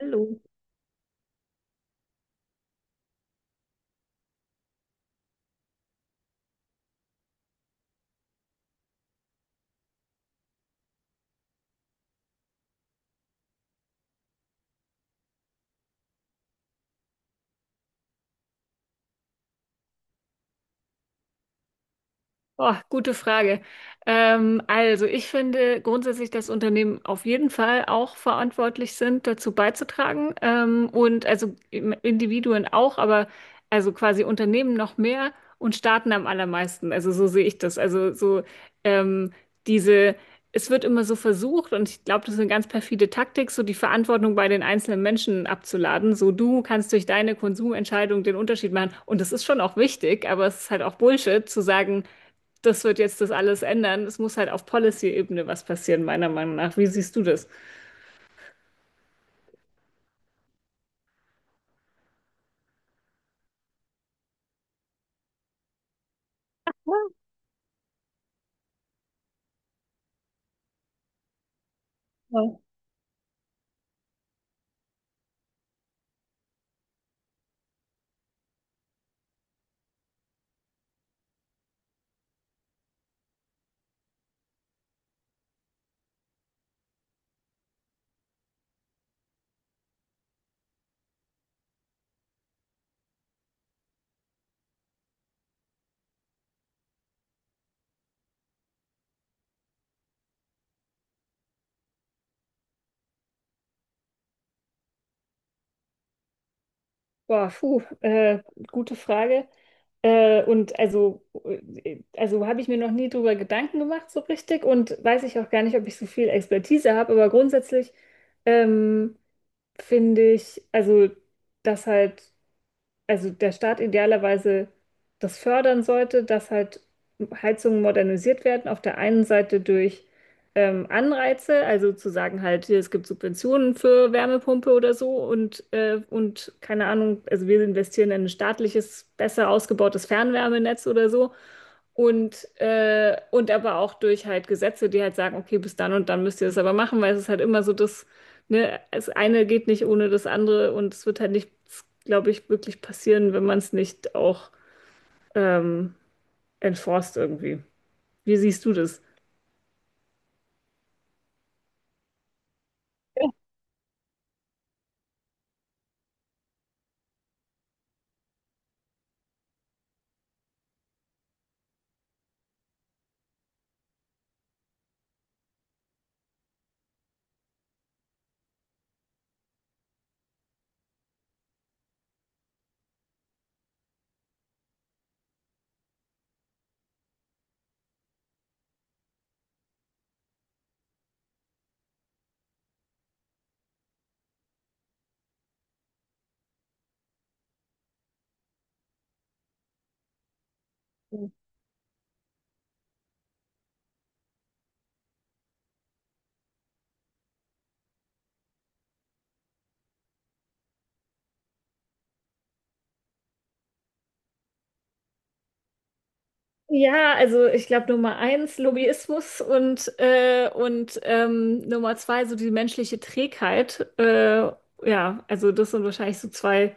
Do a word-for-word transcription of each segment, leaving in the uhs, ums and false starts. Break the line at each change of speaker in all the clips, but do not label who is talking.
Hallo. Oh, gute Frage. Ähm, also ich finde grundsätzlich, dass Unternehmen auf jeden Fall auch verantwortlich sind, dazu beizutragen. Ähm, und also im- Individuen auch, aber also quasi Unternehmen noch mehr und Staaten am allermeisten. Also so sehe ich das. Also so, ähm, diese, es wird immer so versucht, und ich glaube, das ist eine ganz perfide Taktik, so die Verantwortung bei den einzelnen Menschen abzuladen. So du kannst durch deine Konsumentscheidung den Unterschied machen. Und das ist schon auch wichtig, aber es ist halt auch Bullshit zu sagen, das wird jetzt das alles ändern. Es muss halt auf Policy-Ebene was passieren, meiner Meinung nach. Wie siehst du das? Ja. Boah, puh, äh, gute Frage. Äh, und also, äh, also habe ich mir noch nie drüber Gedanken gemacht so richtig und weiß ich auch gar nicht, ob ich so viel Expertise habe, aber grundsätzlich ähm, finde ich, also, dass halt. Also der Staat idealerweise das fördern sollte, dass halt Heizungen modernisiert werden. Auf der einen Seite durch ähm, Anreize, also zu sagen halt, hier, es gibt Subventionen für Wärmepumpe oder so und, äh, und keine Ahnung, also wir investieren in ein staatliches, besser ausgebautes Fernwärmenetz oder so. Und, äh, und aber auch durch halt Gesetze, die halt sagen, okay, bis dann und dann müsst ihr das aber machen, weil es ist halt immer so, dass, ne, das eine geht nicht ohne das andere und es wird halt nichts, glaube ich, wirklich passieren, wenn man es nicht auch ähm, enforced irgendwie. Wie siehst du das? Ja, also ich glaube Nummer eins Lobbyismus und, äh, und ähm, Nummer zwei so die menschliche Trägheit. Äh, ja, also das sind wahrscheinlich so zwei.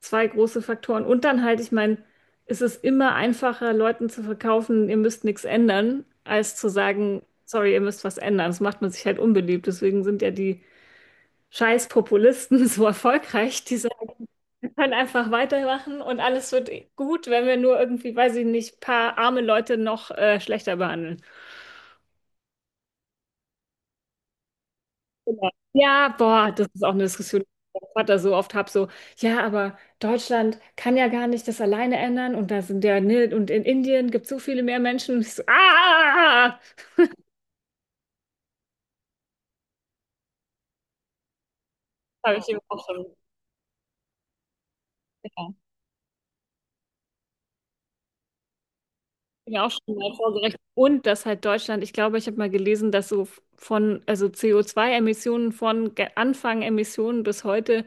zwei große Faktoren. Und dann halt, ich meine, es ist immer einfacher, Leuten zu verkaufen, ihr müsst nichts ändern, als zu sagen, sorry, ihr müsst was ändern. Das macht man sich halt unbeliebt. Deswegen sind ja die scheiß Populisten so erfolgreich. Die sagen, wir können einfach weitermachen und alles wird gut, wenn wir nur irgendwie, weiß ich nicht, paar arme Leute noch äh, schlechter behandeln. Genau. Ja, boah, das ist auch eine Diskussion, die ich mit meinem Vater so oft habe, so, ja, aber Deutschland kann ja gar nicht das alleine ändern und da sind ja, ne, und in Indien gibt es so viele mehr Menschen. Und ich so, ah, habe ich ihm auch, mir auch schon mal vorgerechnet. Und dass halt Deutschland, ich glaube, ich habe mal gelesen, dass so von, also co zwei emissionen von Ge- Anfang Emissionen bis heute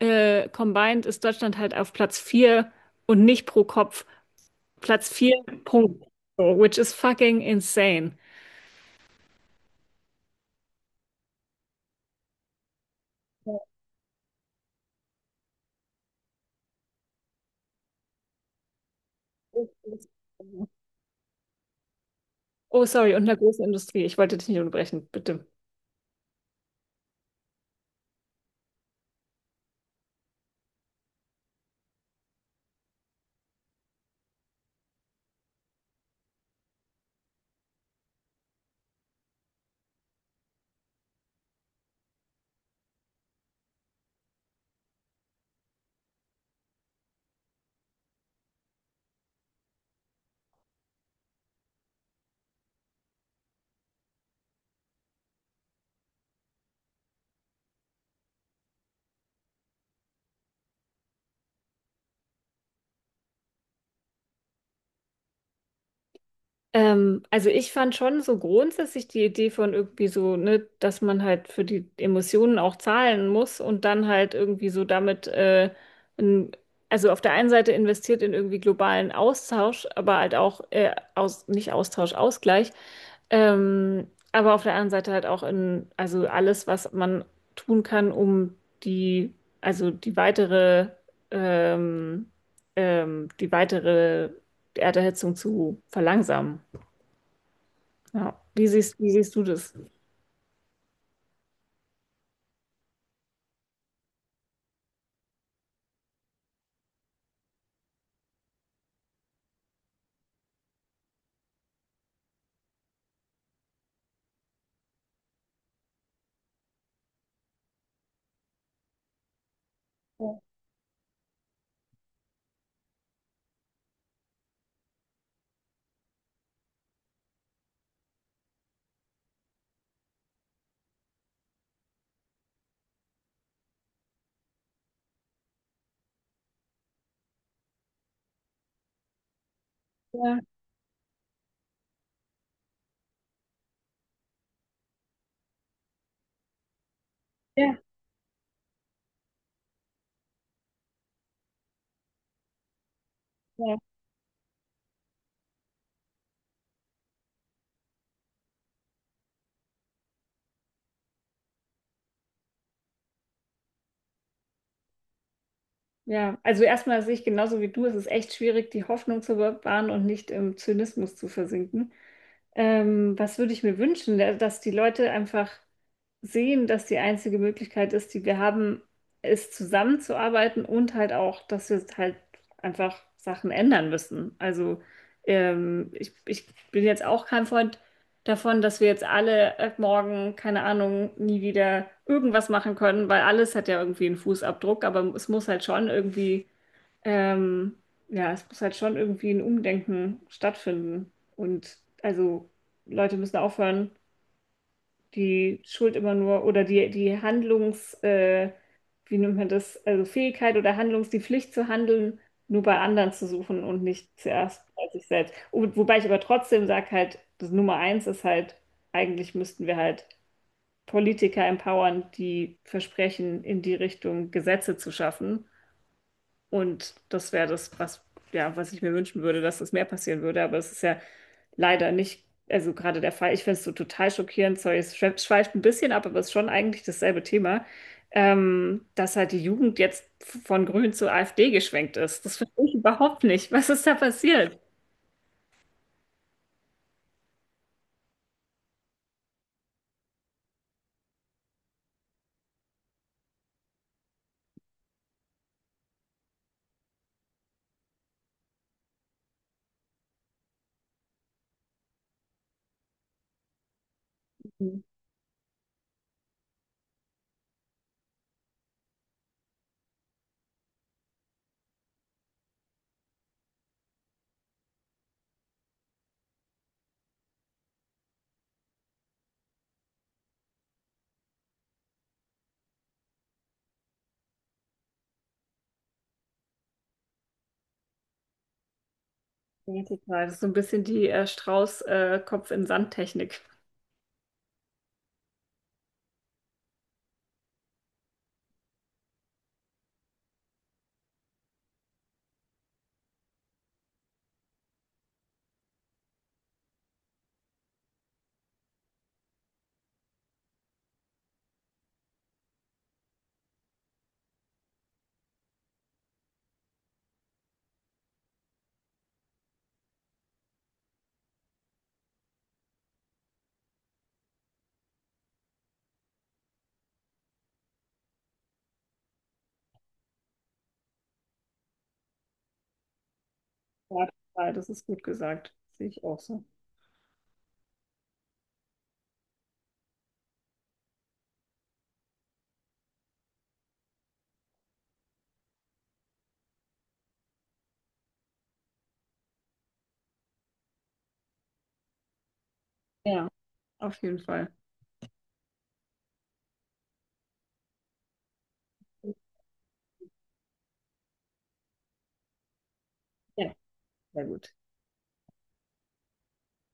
äh, combined ist Deutschland halt auf Platz vier und nicht pro Kopf. Platz vier. Punkt. So, which is fucking insane. Oh, sorry, und einer großen Industrie. Ich wollte dich nicht unterbrechen, bitte. Ähm, also ich fand schon so grundsätzlich die Idee von irgendwie so, ne, dass man halt für die Emotionen auch zahlen muss und dann halt irgendwie so damit, äh, in, also auf der einen Seite investiert in irgendwie globalen Austausch, aber halt auch äh, aus, nicht Austausch, Ausgleich, ähm, aber auf der anderen Seite halt auch in, also alles, was man tun kann, um die, also die weitere, ähm, ähm, die weitere Erderhitzung zu verlangsamen. Ja. Wie siehst, wie siehst du das? Ja, ja, ja. Ja, also erstmal sehe ich genauso wie du, es ist echt schwierig, die Hoffnung zu bewahren und nicht im Zynismus zu versinken. Ähm, was würde ich mir wünschen, dass die Leute einfach sehen, dass die einzige Möglichkeit ist, die wir haben, ist zusammenzuarbeiten und halt auch, dass wir halt einfach Sachen ändern müssen. Also ähm, ich, ich bin jetzt auch kein Freund davon, dass wir jetzt alle ab morgen, keine Ahnung, nie wieder irgendwas machen können, weil alles hat ja irgendwie einen Fußabdruck, aber es muss halt schon irgendwie, ähm, ja, es muss halt schon irgendwie ein Umdenken stattfinden. Und also Leute müssen aufhören die Schuld immer nur oder die, die Handlungs, äh, wie nennt man das, also Fähigkeit oder Handlungs, die Pflicht zu handeln, nur bei anderen zu suchen und nicht zuerst bei sich selbst. Wo- Wobei ich aber trotzdem sage halt, das Nummer eins ist halt, eigentlich müssten wir halt Politiker empowern, die versprechen, in die Richtung Gesetze zu schaffen. Und das wäre das, was, ja, was ich mir wünschen würde, dass das mehr passieren würde. Aber es ist ja leider nicht, also gerade der Fall. Ich finde es so total schockierend. Sorry, es schwe- schweift ein bisschen ab, aber es ist schon eigentlich dasselbe Thema, ähm, dass halt die Jugend jetzt von Grün zur A F D geschwenkt ist. Das verstehe ich überhaupt nicht. Was ist da passiert? Ja, total. Das ist so ein bisschen die äh, Strauß-Kopf-in-Sand-Technik. Ja, total. Das ist gut gesagt. Sehe ich auch so. Ja, auf jeden Fall. Ja, sehr gut.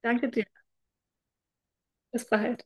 Danke dir. Bis bald.